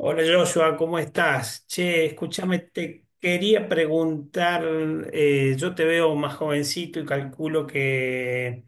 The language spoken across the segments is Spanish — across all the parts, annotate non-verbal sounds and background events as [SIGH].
Hola Joshua, ¿cómo estás? Che, escúchame, te quería preguntar, yo te veo más jovencito y calculo que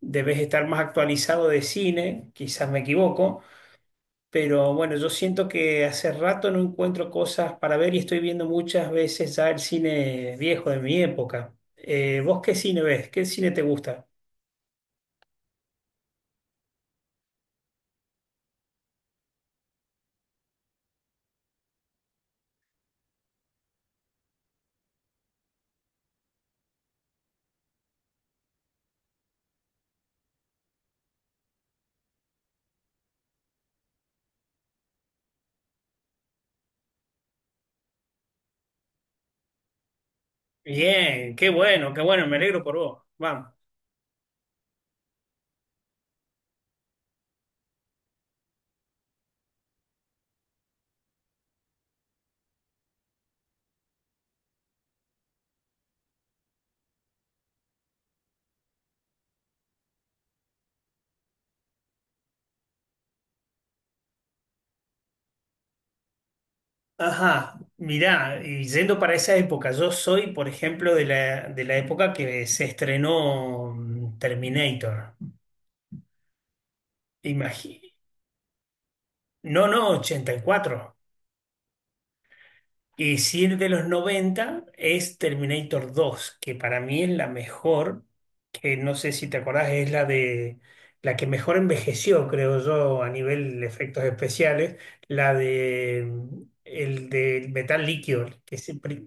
debes estar más actualizado de cine, quizás me equivoco, pero bueno, yo siento que hace rato no encuentro cosas para ver y estoy viendo muchas veces ya el cine viejo de mi época. ¿Vos qué cine ves? ¿Qué cine te gusta? Bien, qué bueno, me alegro por vos. Vamos. Ajá, mirá, y yendo para esa época, yo soy, por ejemplo, de la época que se estrenó Terminator. Imagino. No, no, 84. Y si es de los 90 es Terminator 2, que para mí es la mejor, que no sé si te acordás, es la de la que mejor envejeció, creo yo, a nivel de efectos especiales, la de el de metal líquido, que siempre.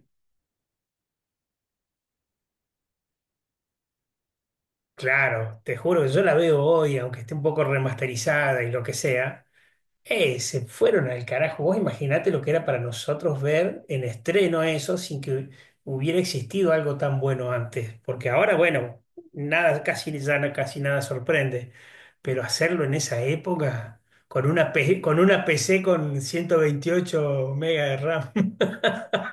Claro, te juro que yo la veo hoy, aunque esté un poco remasterizada y lo que sea. Se fueron al carajo. Vos imaginate lo que era para nosotros ver en estreno eso sin que hubiera existido algo tan bueno antes. Porque ahora, bueno, nada, casi, casi nada sorprende. Pero hacerlo en esa época, con una PC con 128 megas de RAM. [LAUGHS]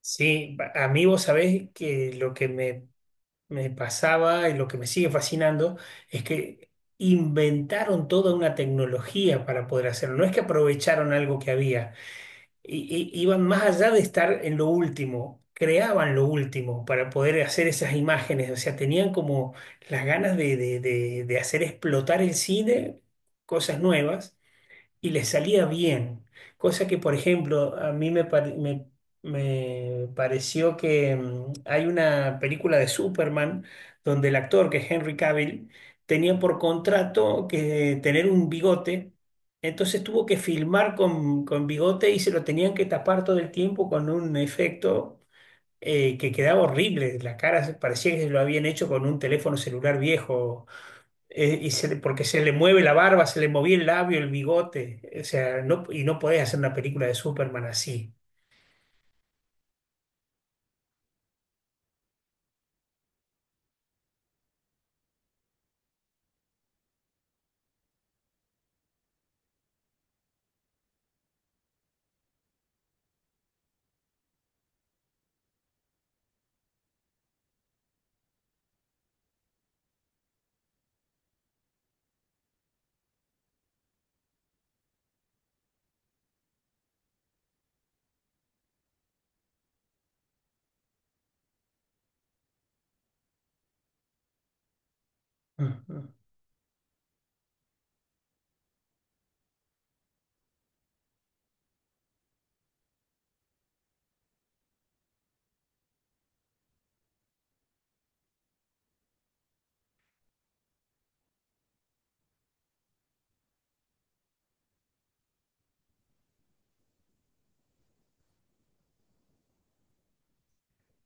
Sí, a mí vos sabés que lo que me pasaba y lo que me sigue fascinando es que inventaron toda una tecnología para poder hacerlo. No es que aprovecharon algo que había, iban más allá de estar en lo último, creaban lo último para poder hacer esas imágenes. O sea, tenían como las ganas de hacer explotar el cine, cosas nuevas y les salía bien. Cosa que, por ejemplo, a mí me pareció que hay una película de Superman donde el actor, que es Henry Cavill, tenía por contrato que tener un bigote. Entonces tuvo que filmar con bigote y se lo tenían que tapar todo el tiempo con un efecto que quedaba horrible. La cara parecía que se lo habían hecho con un teléfono celular viejo, porque se le mueve la barba, se le movía el labio, el bigote. O sea, no, y no podés hacer una película de Superman así. Ujú.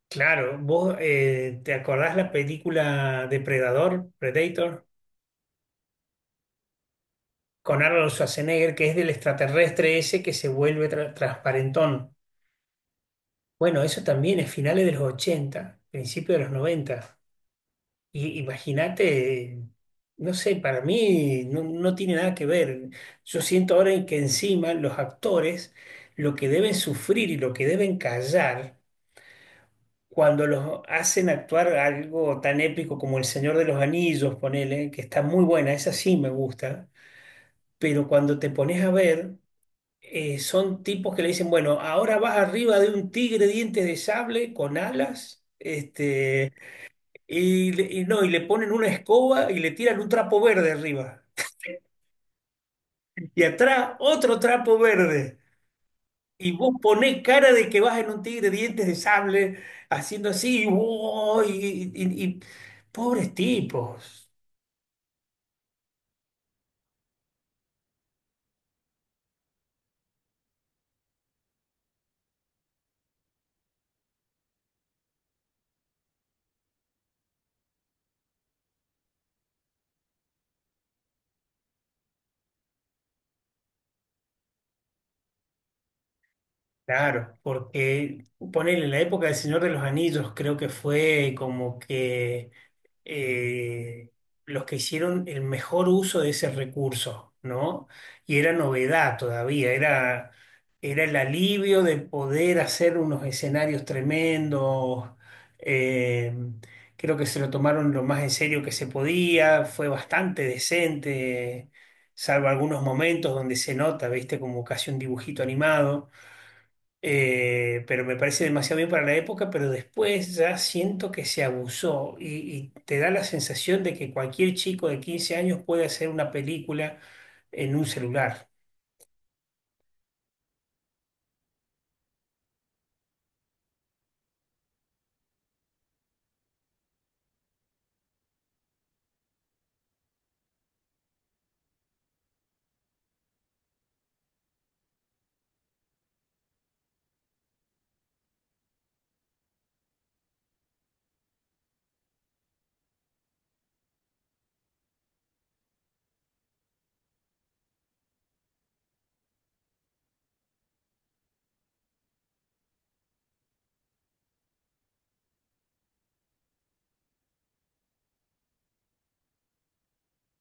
Claro, vos te acordás la película Depredador, Predator, con Arnold Schwarzenegger, que es del extraterrestre ese que se vuelve transparentón. Bueno, eso también es finales de los ochenta, principios de los noventa. Y imagínate, no sé, para mí no, no tiene nada que ver. Yo siento ahora en que encima los actores lo que deben sufrir y lo que deben callar cuando los hacen actuar algo tan épico como El Señor de los Anillos, ponele, que está muy buena, esa sí me gusta, pero cuando te pones a ver, son tipos que le dicen, bueno, ahora vas arriba de un tigre dientes de sable con alas. Este, y, le- y no, y le ponen una escoba y le tiran un trapo verde arriba. Y atrás otro trapo verde. Y vos ponés cara de que vas en un tigre, dientes de sable, haciendo así, ¡oh! Pobres tipos. Claro, porque ponele en la época del Señor de los Anillos, creo que fue como que eh, los que hicieron el mejor uso de ese recurso, ¿no? Y era novedad todavía, era el alivio de poder hacer unos escenarios tremendos. Eh, creo que se lo tomaron lo más en serio que se podía, fue bastante decente, salvo algunos momentos donde se nota, viste, como casi un dibujito animado, pero me parece demasiado bien para la época, pero después ya siento que se abusó y te da la sensación de que cualquier chico de 15 años puede hacer una película en un celular.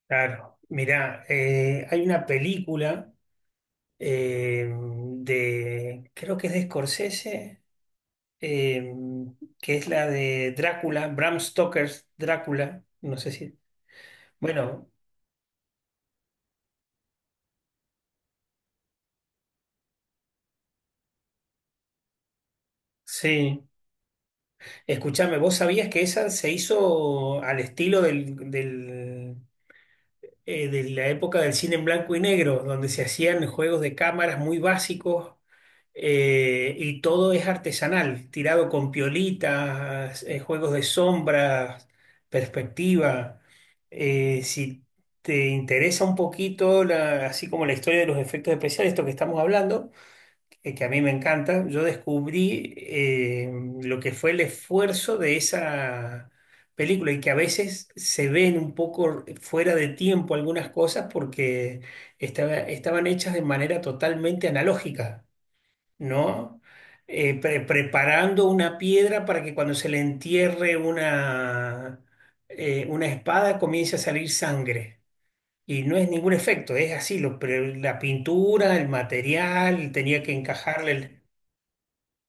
Claro, mirá, hay una película creo que es de Scorsese, eh, que es la de Drácula, Bram Stoker's Drácula, no sé si... Bueno, sí. Escuchame, ¿vos sabías que esa se hizo al estilo de la época del cine en blanco y negro, donde se hacían juegos de cámaras muy básicos, y todo es artesanal, tirado con piolitas, juegos de sombras, perspectiva? Si te interesa un poquito, la- así como la historia de los efectos especiales, esto que estamos hablando, que a mí me encanta, yo descubrí lo que fue el esfuerzo de esa película y que a veces se ven un poco fuera de tiempo algunas cosas porque estaban hechas de manera totalmente analógica, ¿no? Preparando una piedra para que cuando se le entierre una espada comience a salir sangre. Y no es ningún efecto, es así, la pintura, el material, tenía que encajarle.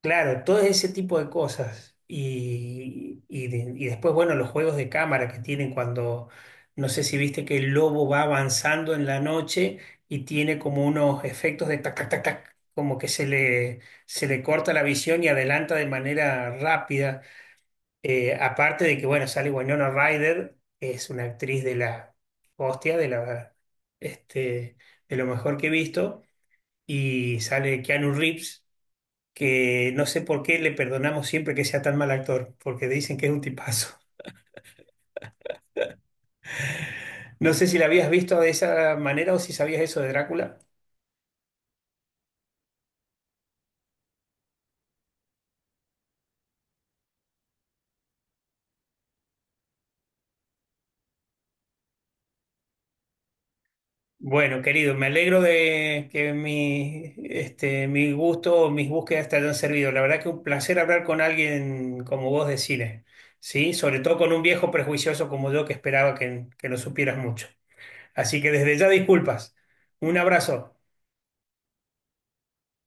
Claro, todo ese tipo de cosas. Y después, bueno, los juegos de cámara que tienen cuando, no sé si viste que el lobo va avanzando en la noche y tiene como unos efectos de tac, tac, tac, tac, como que se le corta la visión y adelanta de manera rápida. Aparte de que, bueno, sale Winona Ryder, que es una actriz de la hostia, este, de lo mejor que he visto, y sale Keanu Reeves que no sé por qué le perdonamos siempre que sea tan mal actor, porque dicen que es un tipazo. [LAUGHS] No sé si la habías visto de esa manera o si sabías eso de Drácula. Bueno, querido, me alegro de que mi gusto o mis búsquedas te hayan servido. La verdad que un placer hablar con alguien como vos de cine, ¿sí? Sobre todo con un viejo prejuicioso como yo que esperaba que no supieras mucho. Así que desde ya disculpas. Un abrazo.